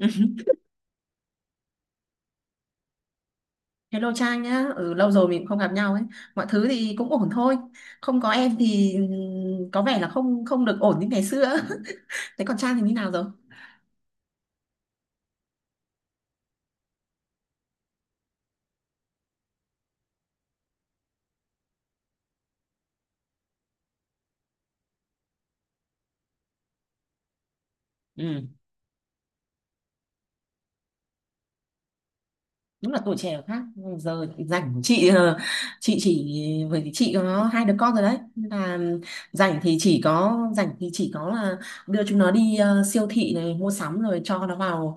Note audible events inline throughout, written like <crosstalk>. <laughs> Hello Trang nhá, ừ, lâu rồi mình cũng không gặp nhau ấy. Mọi thứ thì cũng ổn thôi. Không có em thì có vẻ là không không được ổn như ngày xưa. <laughs> Thế còn Trang thì như nào rồi? Ừ, đúng là tuổi trẻ khác. Giờ thì rảnh chị chỉ bởi vì chị có hai đứa con rồi đấy. Nên là rảnh thì chỉ có là đưa chúng nó đi siêu thị này mua sắm rồi cho nó vào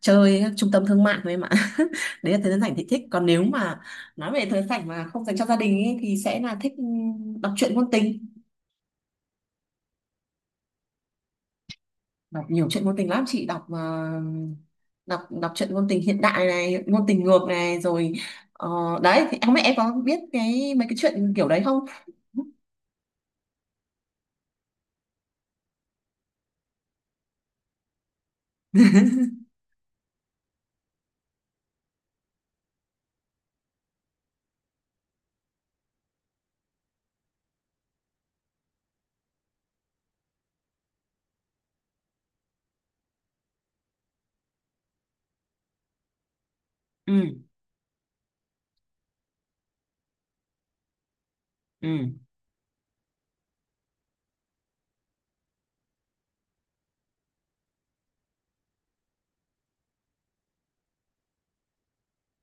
chơi các trung tâm thương mại thôi em ạ. <laughs> Đấy là thời gian rảnh thì thích, còn nếu mà nói về thời gian rảnh mà không dành cho gia đình ấy, thì sẽ là thích đọc truyện ngôn tình. Đọc nhiều truyện ngôn tình lắm. Chị đọc đọc đọc truyện ngôn tình hiện đại này, ngôn tình ngược này, rồi ờ, đấy thì không biết em có biết cái mấy cái chuyện kiểu đấy không? <laughs> Ừ. Ừ.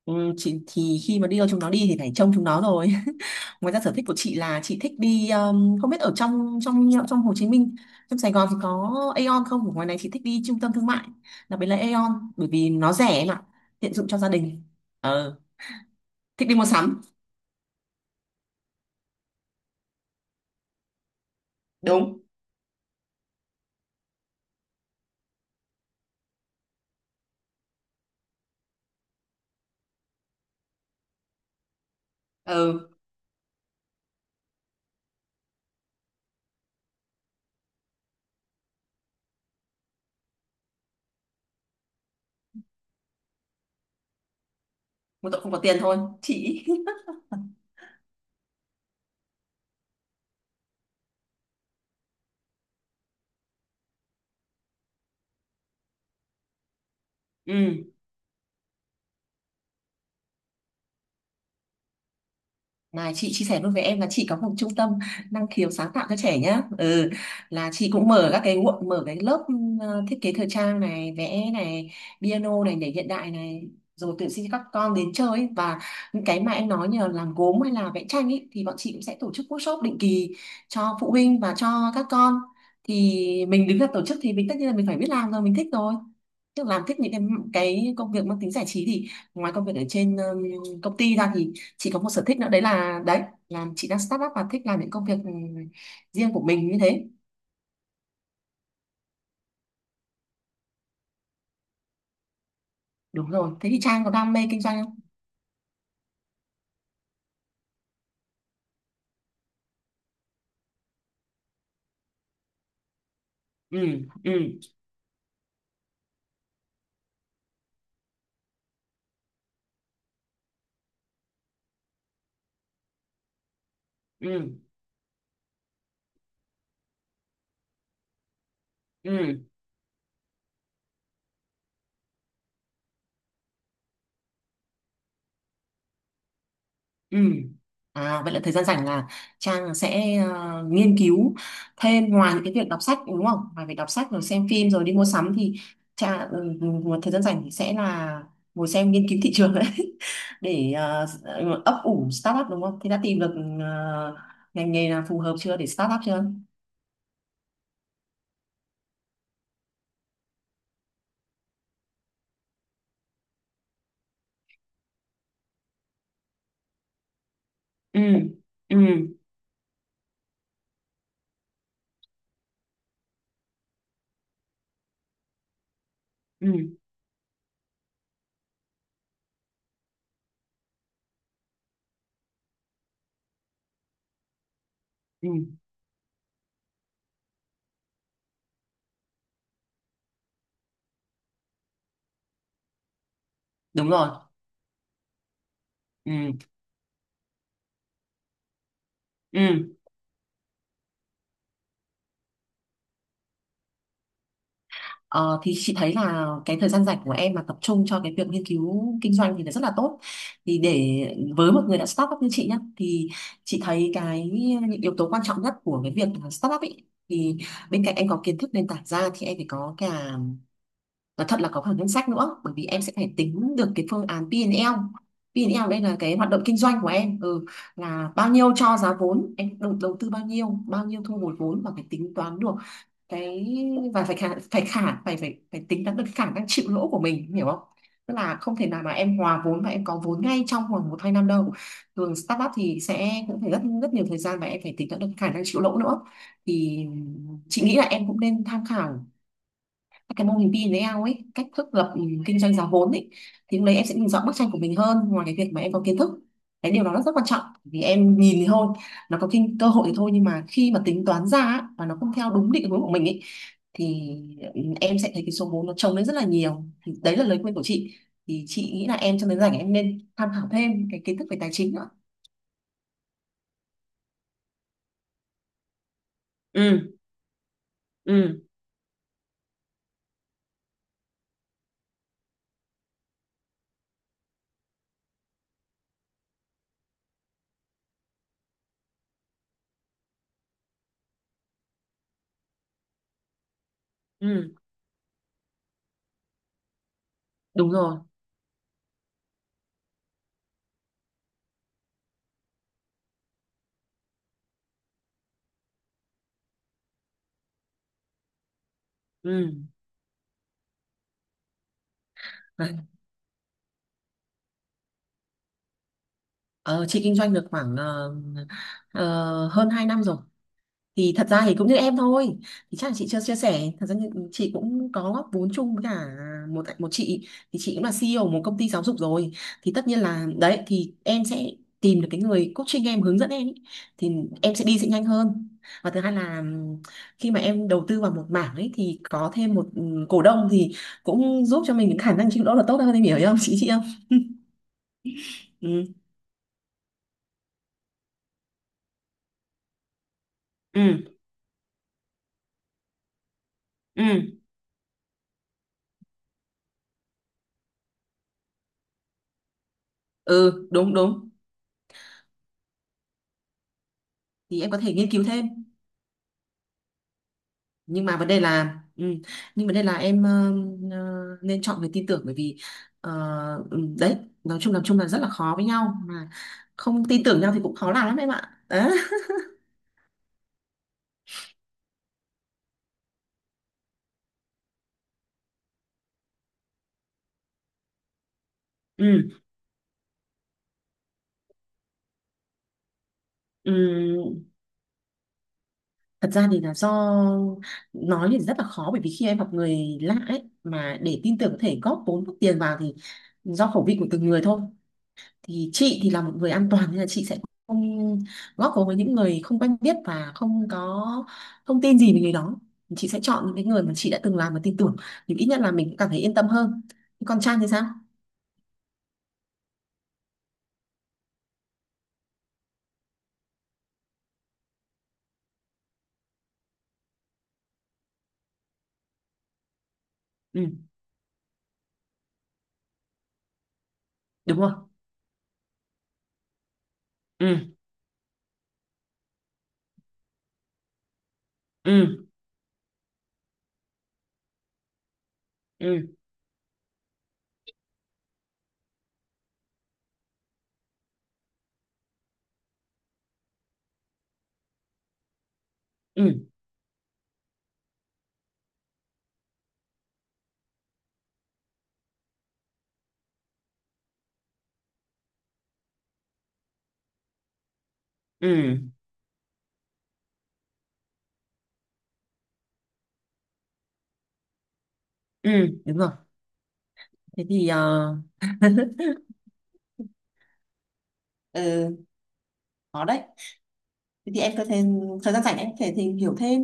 Ừ, chị thì khi mà đi đâu chúng nó đi thì phải trông chúng nó rồi. <laughs> Ngoài ra sở thích của chị là chị thích đi, không biết ở trong trong trong Hồ Chí Minh, trong Sài Gòn thì có Aeon không, ở ngoài này chị thích đi trung tâm thương mại, đặc biệt là Aeon bởi vì nó rẻ em ạ, tiện dụng cho gia đình. ờ Thích đi mua sắm. Đúng. Ừ. Một tội không có tiền thôi chị. <laughs> Ừ. Này, chị chia sẻ luôn với em là chị có một trung tâm năng khiếu sáng tạo cho trẻ nhá. Ừ, là chị cũng mở các cái nguộn, mở cái lớp thiết kế thời trang này, vẽ này, piano này, nhảy hiện đại này, rồi tuyển sinh cho các con đến chơi ấy. Và những cái mà em nói như là làm gốm hay là vẽ tranh ấy thì bọn chị cũng sẽ tổ chức workshop định kỳ cho phụ huynh và cho các con. Thì mình đứng ra tổ chức thì mình tất nhiên là mình phải biết làm rồi, mình thích rồi. Tức là làm thích những cái công việc mang tính giải trí, thì ngoài công việc ở trên công ty ra thì chị có một sở thích nữa, đấy là chị đang start up và thích làm những công việc riêng của mình như thế. Đúng rồi, thế thì Trang có đam mê kinh doanh không? Ừ. Ừ. Ừ. Ừ. Ừ. À, vậy là thời gian rảnh là Trang sẽ nghiên cứu thêm ngoài những cái việc đọc sách, đúng không, ngoài việc đọc sách rồi xem phim rồi đi mua sắm thì Trang, một thời gian rảnh thì sẽ là ngồi xem nghiên cứu thị trường đấy. <laughs> Để ấp ủ startup đúng không, thì đã tìm được ờ, ngành nghề nào phù hợp chưa để startup chưa? Ừ. Ừ. Ừ. Ừ. Đúng rồi. Ừ. Ừ. Ờ, thì chị thấy là cái thời gian rảnh của em mà tập trung cho cái việc nghiên cứu kinh doanh thì nó rất là tốt. Thì để, với một người đã start up như chị nhá, thì chị thấy cái những yếu tố quan trọng nhất của cái việc là start up ấy, thì bên cạnh em có kiến thức nền tảng ra thì em phải có cả, nói thật là có cả ngân sách nữa, bởi vì em sẽ phải tính được cái phương án P&L. P&L đây là cái hoạt động kinh doanh của em, là bao nhiêu cho giá vốn, em đầu tư bao nhiêu, bao nhiêu thu hồi vốn, và phải tính toán được cái, và phải tính toán được khả năng chịu lỗ của mình, em hiểu không? Tức là không thể nào mà em hòa vốn và em có vốn ngay trong vòng một hai năm đâu. Thường startup thì sẽ cũng phải rất rất nhiều thời gian, và em phải tính toán được khả năng chịu lỗ nữa. Thì chị nghĩ là em cũng nên tham khảo cái mô hình pin với ao ấy, cách thức lập kinh doanh giá vốn ấy, thì lúc đấy em sẽ nhìn rõ bức tranh của mình hơn, ngoài cái việc mà em có kiến thức. Cái điều đó nó rất quan trọng, vì em nhìn thì thôi, nó có cơ hội thì thôi, nhưng mà khi mà tính toán ra á, và nó không theo đúng định hướng của mình ấy, thì em sẽ thấy cái số vốn nó chồng lên rất là nhiều. Thì đấy là lời khuyên của chị. Thì chị nghĩ là em trong đến rảnh em nên tham khảo thêm cái kiến thức về tài chính nữa. Ừ. Ừ. Ừ. Đúng rồi. Ừ. Đấy. Ờ, chị kinh doanh được khoảng hơn 2 năm rồi. Thì thật ra thì cũng như em thôi. Thì chắc là chị chưa chia sẻ, thật ra thì chị cũng có góp vốn chung với cả một một chị, thì chị cũng là CEO một công ty giáo dục rồi. Thì tất nhiên là đấy, thì em sẽ tìm được cái người coaching em, hướng dẫn em ý. Thì em sẽ đi sẽ nhanh hơn. Và thứ hai là khi mà em đầu tư vào một mảng ấy thì có thêm một cổ đông thì cũng giúp cho mình những khả năng chịu lỗ là tốt hơn, em hiểu không Chị không. Ừ. Ừ. Ừ. Ừ. Đúng, đúng. Thì em có thể nghiên cứu thêm. nhưng mà vấn đề là ừ, nhưng vấn đề là em nên chọn người tin tưởng, bởi vì ờ, đấy, nói chung là rất là khó, với nhau mà không tin tưởng nhau thì cũng khó làm lắm em ạ, đấy. Ừ. Ừ. Thật ra thì là do, nói thì rất là khó, bởi vì khi em gặp người lạ ấy mà để tin tưởng có thể góp vốn, góp tiền vào, thì do khẩu vị của từng người thôi. Thì chị thì là một người an toàn, nên là chị sẽ không góp vốn với những người không quen biết và không có thông tin gì về người đó. Chị sẽ chọn những cái người mà chị đã từng làm và tin tưởng, thì ít nhất là mình cũng cảm thấy yên tâm hơn. Còn Trang thì sao? Ừ. Đúng rồi. Ừ. Ừ. Ừ. Ừ. Ừ. Ừ. Đúng rồi. Thế thì ừ, có đấy. Thế thì em có thể, thời gian rảnh em có thể tìm hiểu thêm,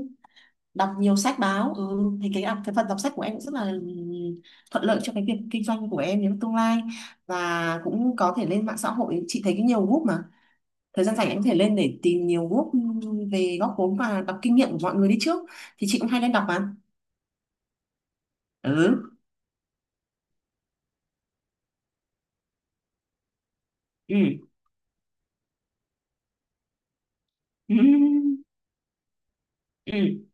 đọc nhiều sách báo, thì cái phần đọc sách của em cũng rất là thuận lợi cho cái việc kinh doanh của em trong tương lai. Và cũng có thể lên mạng xã hội, chị thấy cái nhiều group mà, thời gian rảnh em có thể lên để tìm nhiều group về góp vốn và đọc kinh nghiệm của mọi người đi trước, thì chị cũng hay lên đọc mà. Ừ. Ừ. Ừ. Ừ,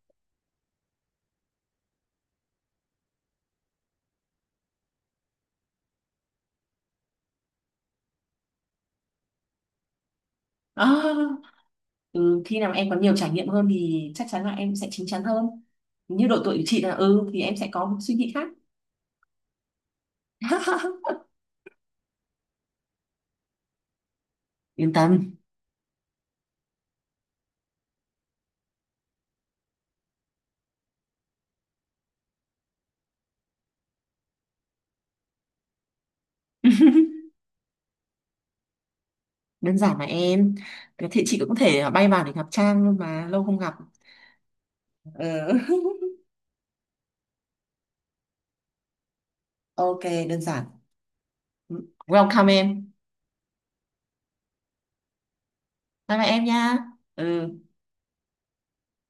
à, ừ. Khi nào em có nhiều trải nghiệm hơn thì chắc chắn là em sẽ chín chắn hơn, như độ tuổi của chị là thì em sẽ có một suy nghĩ khác. <laughs> Yên tâm. <laughs> Đơn giản mà em, có thể chị cũng có thể bay vào để gặp Trang luôn mà, lâu không gặp. Ừ. <laughs> Ok, đơn giản. Welcome em. Bye bye em nha. Ừ.